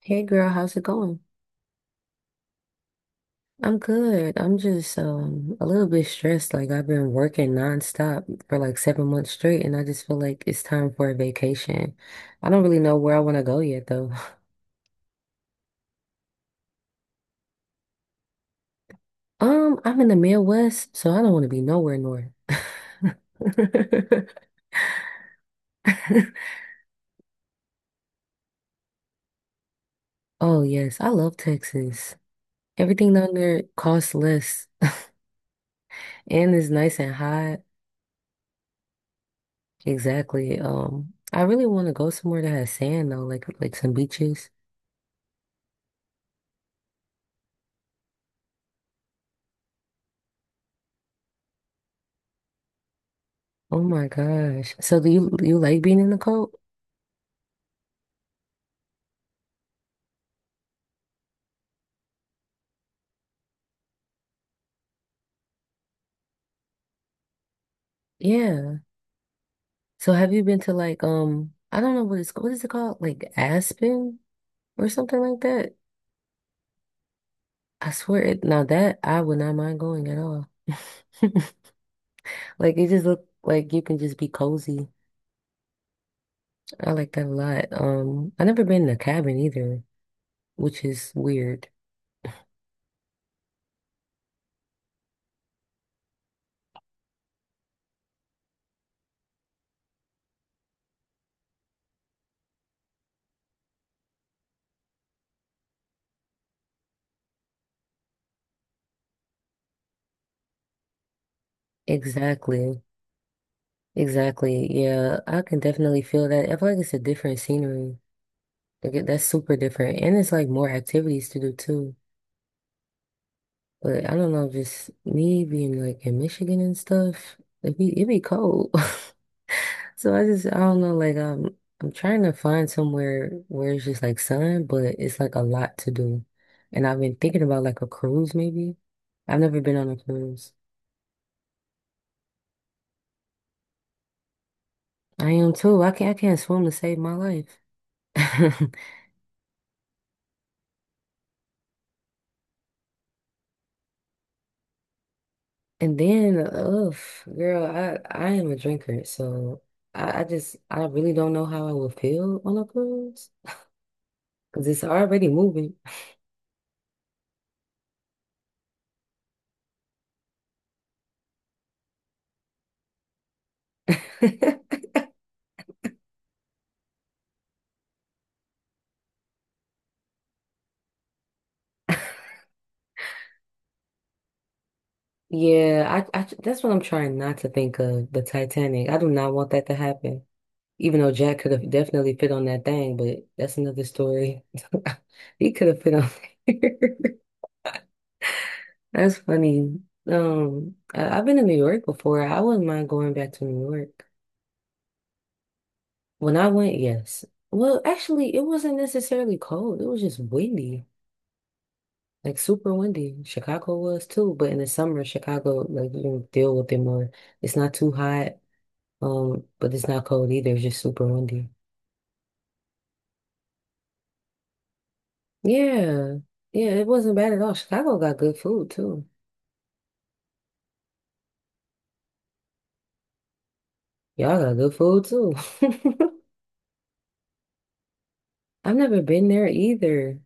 Hey girl, how's it going? I'm good. I'm just a little bit stressed. Like I've been working nonstop for like 7 months straight, and I just feel like it's time for a vacation. I don't really know where I want to go yet though. I'm in the Midwest, so I don't want to be nowhere north. Oh yes, I love Texas. Everything down there costs less and is nice and hot. Exactly. I really want to go somewhere that has sand though, like some beaches. Oh my gosh. So do you like being in the cold? Yeah. So have you been to like I don't know what it's what is it called? Like Aspen or something like that? I swear it now that I would not mind going at all. Like it just look like you can just be cozy. I like that a lot. I never been in a cabin either, which is weird. Exactly. Exactly. Yeah, I can definitely feel that. I feel like it's a different scenery. That's super different. And it's like more activities to do too. But I don't know, just me being like in Michigan and stuff, it be cold. So I don't know, like I'm trying to find somewhere where it's just like sun, but it's like a lot to do. And I've been thinking about like a cruise maybe. I've never been on a cruise. I am too. I can't swim to save my life. And then, ugh, girl, I am a drinker, so I just I really don't know how I would feel on a cruise because it's already moving. Yeah, I that's what I'm trying not to think of, the Titanic. I do not want that to happen. Even though Jack could have definitely fit on that thing, but that's another story. He could have fit on there. That's funny. I've been to New York before. I wouldn't mind going back to New York. When I went, yes. Well, actually, it wasn't necessarily cold. It was just windy, like super windy. Chicago was too, but in the summer, Chicago, like you can deal with it more. It's not too hot. But it's not cold either. It's just super windy. Yeah. Yeah, it wasn't bad at all. Chicago got good food too. Y'all got good food too. I've never been there either.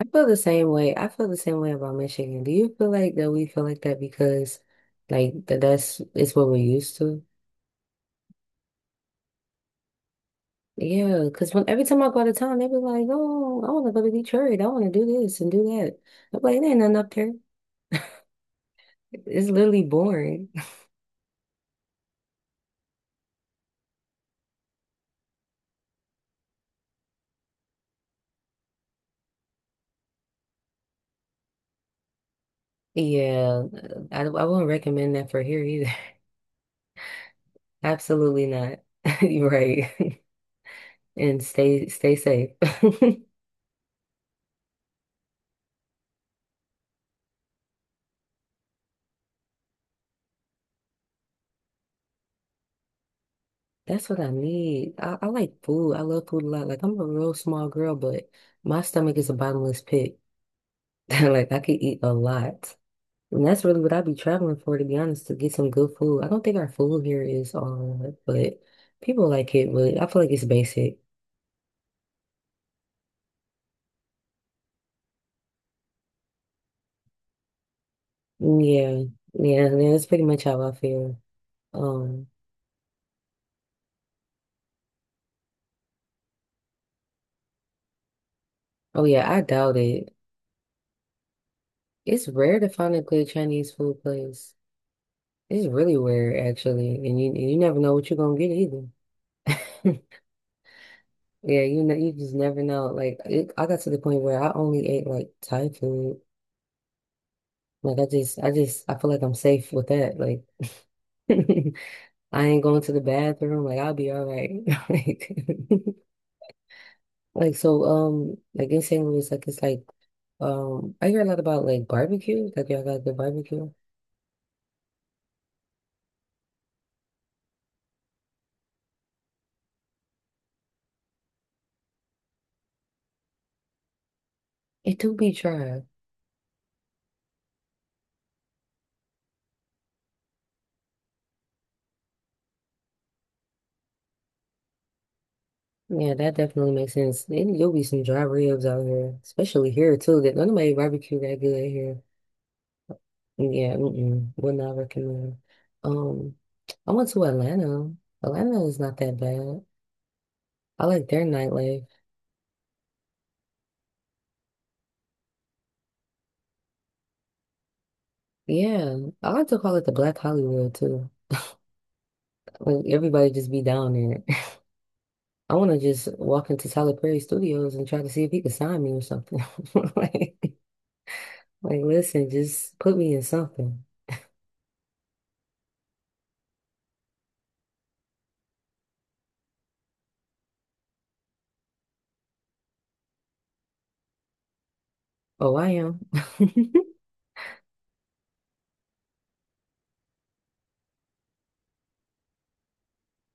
I feel the same way. I feel the same way about Michigan. Do you feel like that we feel like that because that that's it's what we're used to? Yeah, because when every time I go out of town, they be like, "Oh, I want to go to Detroit. I want to do this and do that." I'm like, "There ain't nothing up there. It's literally boring." Yeah, I wouldn't recommend that for here either. Absolutely not. You're right. And stay safe. That's what I need. I like food. I love food a lot. Like I'm a real small girl, but my stomach is a bottomless pit. Like I could eat a lot. And that's really what I'd be traveling for, to be honest, to get some good food. I don't think our food here is all that, but people like it, but I feel like it's basic. Yeah. Yeah, yeah, that's pretty much how I feel. Um, oh yeah, I doubt it. It's rare to find a good Chinese food place. It's really weird, actually, and you never know what you're gonna get either. Yeah, you know, you just never know. Like, it, I got to the point where I only ate like Thai food. Like, I feel like I'm safe with that. Like, I ain't going to the bathroom. Like, I'll be all right. Like, like in St. Louis, I hear a lot about like barbecue. Like, y'all got the barbecue. It do be dry. Yeah, that definitely makes sense. Then You'll be some dry ribs out here, especially here too. That none of my barbecue that good here. Yeah, mm-mm, would not recommend. Um, I went to Atlanta. Atlanta is not that bad. I like their nightlife. Yeah, I like to call it the Black Hollywood too. Like everybody just be down there. I want to just walk into Tyler Perry Studios and try to see if he could sign me or something. Like, like, listen, just put me in something. Oh, I am.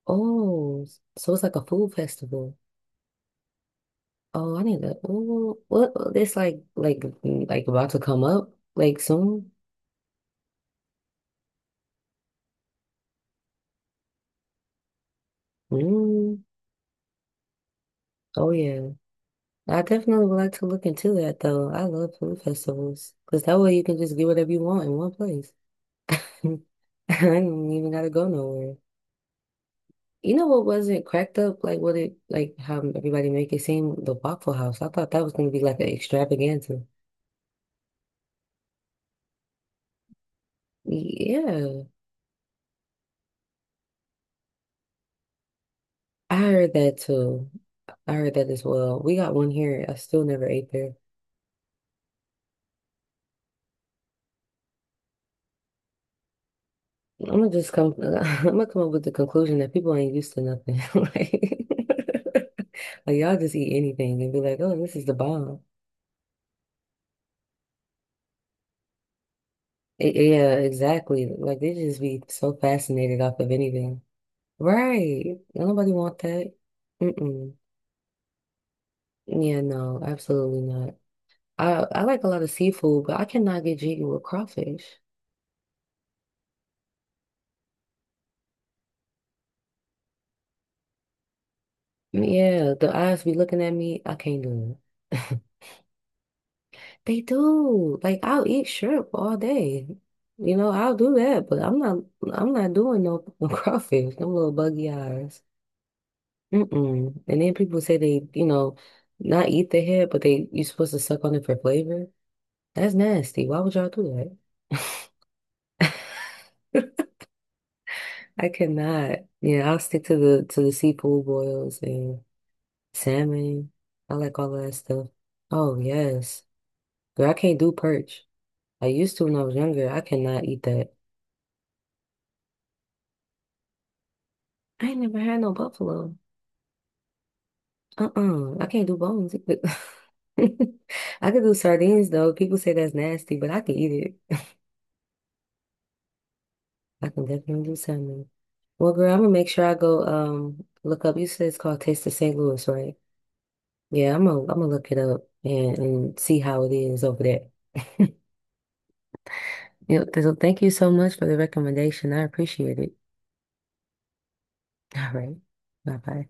Oh, so it's like a food festival. Oh, I need to. Oh, what? It's about to come up like soon. Mm. Oh yeah, I definitely would like to look into that though. I love food festivals because that way you can just get whatever you want in one place. I don't even gotta go nowhere. You know what wasn't cracked up? Like what it like how everybody make it seem, the Waffle House. I thought that was gonna be like an extravaganza. Yeah. I heard that too. I heard that as well. We got one here. I still never ate there. I'm gonna just come. I'm gonna come up with the conclusion that people ain't used to nothing. Like, like y'all just eat anything and be like, "Oh, this is the bomb." I- yeah, exactly. Like they just be so fascinated off of anything, right? Nobody want that. Mm-mm. Yeah, no, absolutely not. I I like a lot of seafood, but I cannot get jiggy with crawfish. Yeah, the eyes be looking at me. I can't do it. They do. Like I'll eat shrimp all day. You know, I'll do that, but I'm not doing no crawfish, no little buggy eyes. Mm-mm. And then people say they, you know, not eat the head, but they you're supposed to suck on it for flavor. That's nasty. Why would y'all do that? I cannot. Yeah, I'll stick to the seafood boils and salmon. I like all of that stuff. Oh yes. Girl, I can't do perch. I used to when I was younger. I cannot eat that. I ain't never had no buffalo. Uh-uh. I can't do bones either. I could do sardines though. People say that's nasty, but I can eat it. I can definitely do salmon. Well, girl, I'm gonna make sure I go look up. You said it's called Taste of St. Louis, right? Yeah, I'm gonna look it up and see how it is over there. Yeah, so thank you so much for the recommendation. I appreciate it. All right. Bye bye.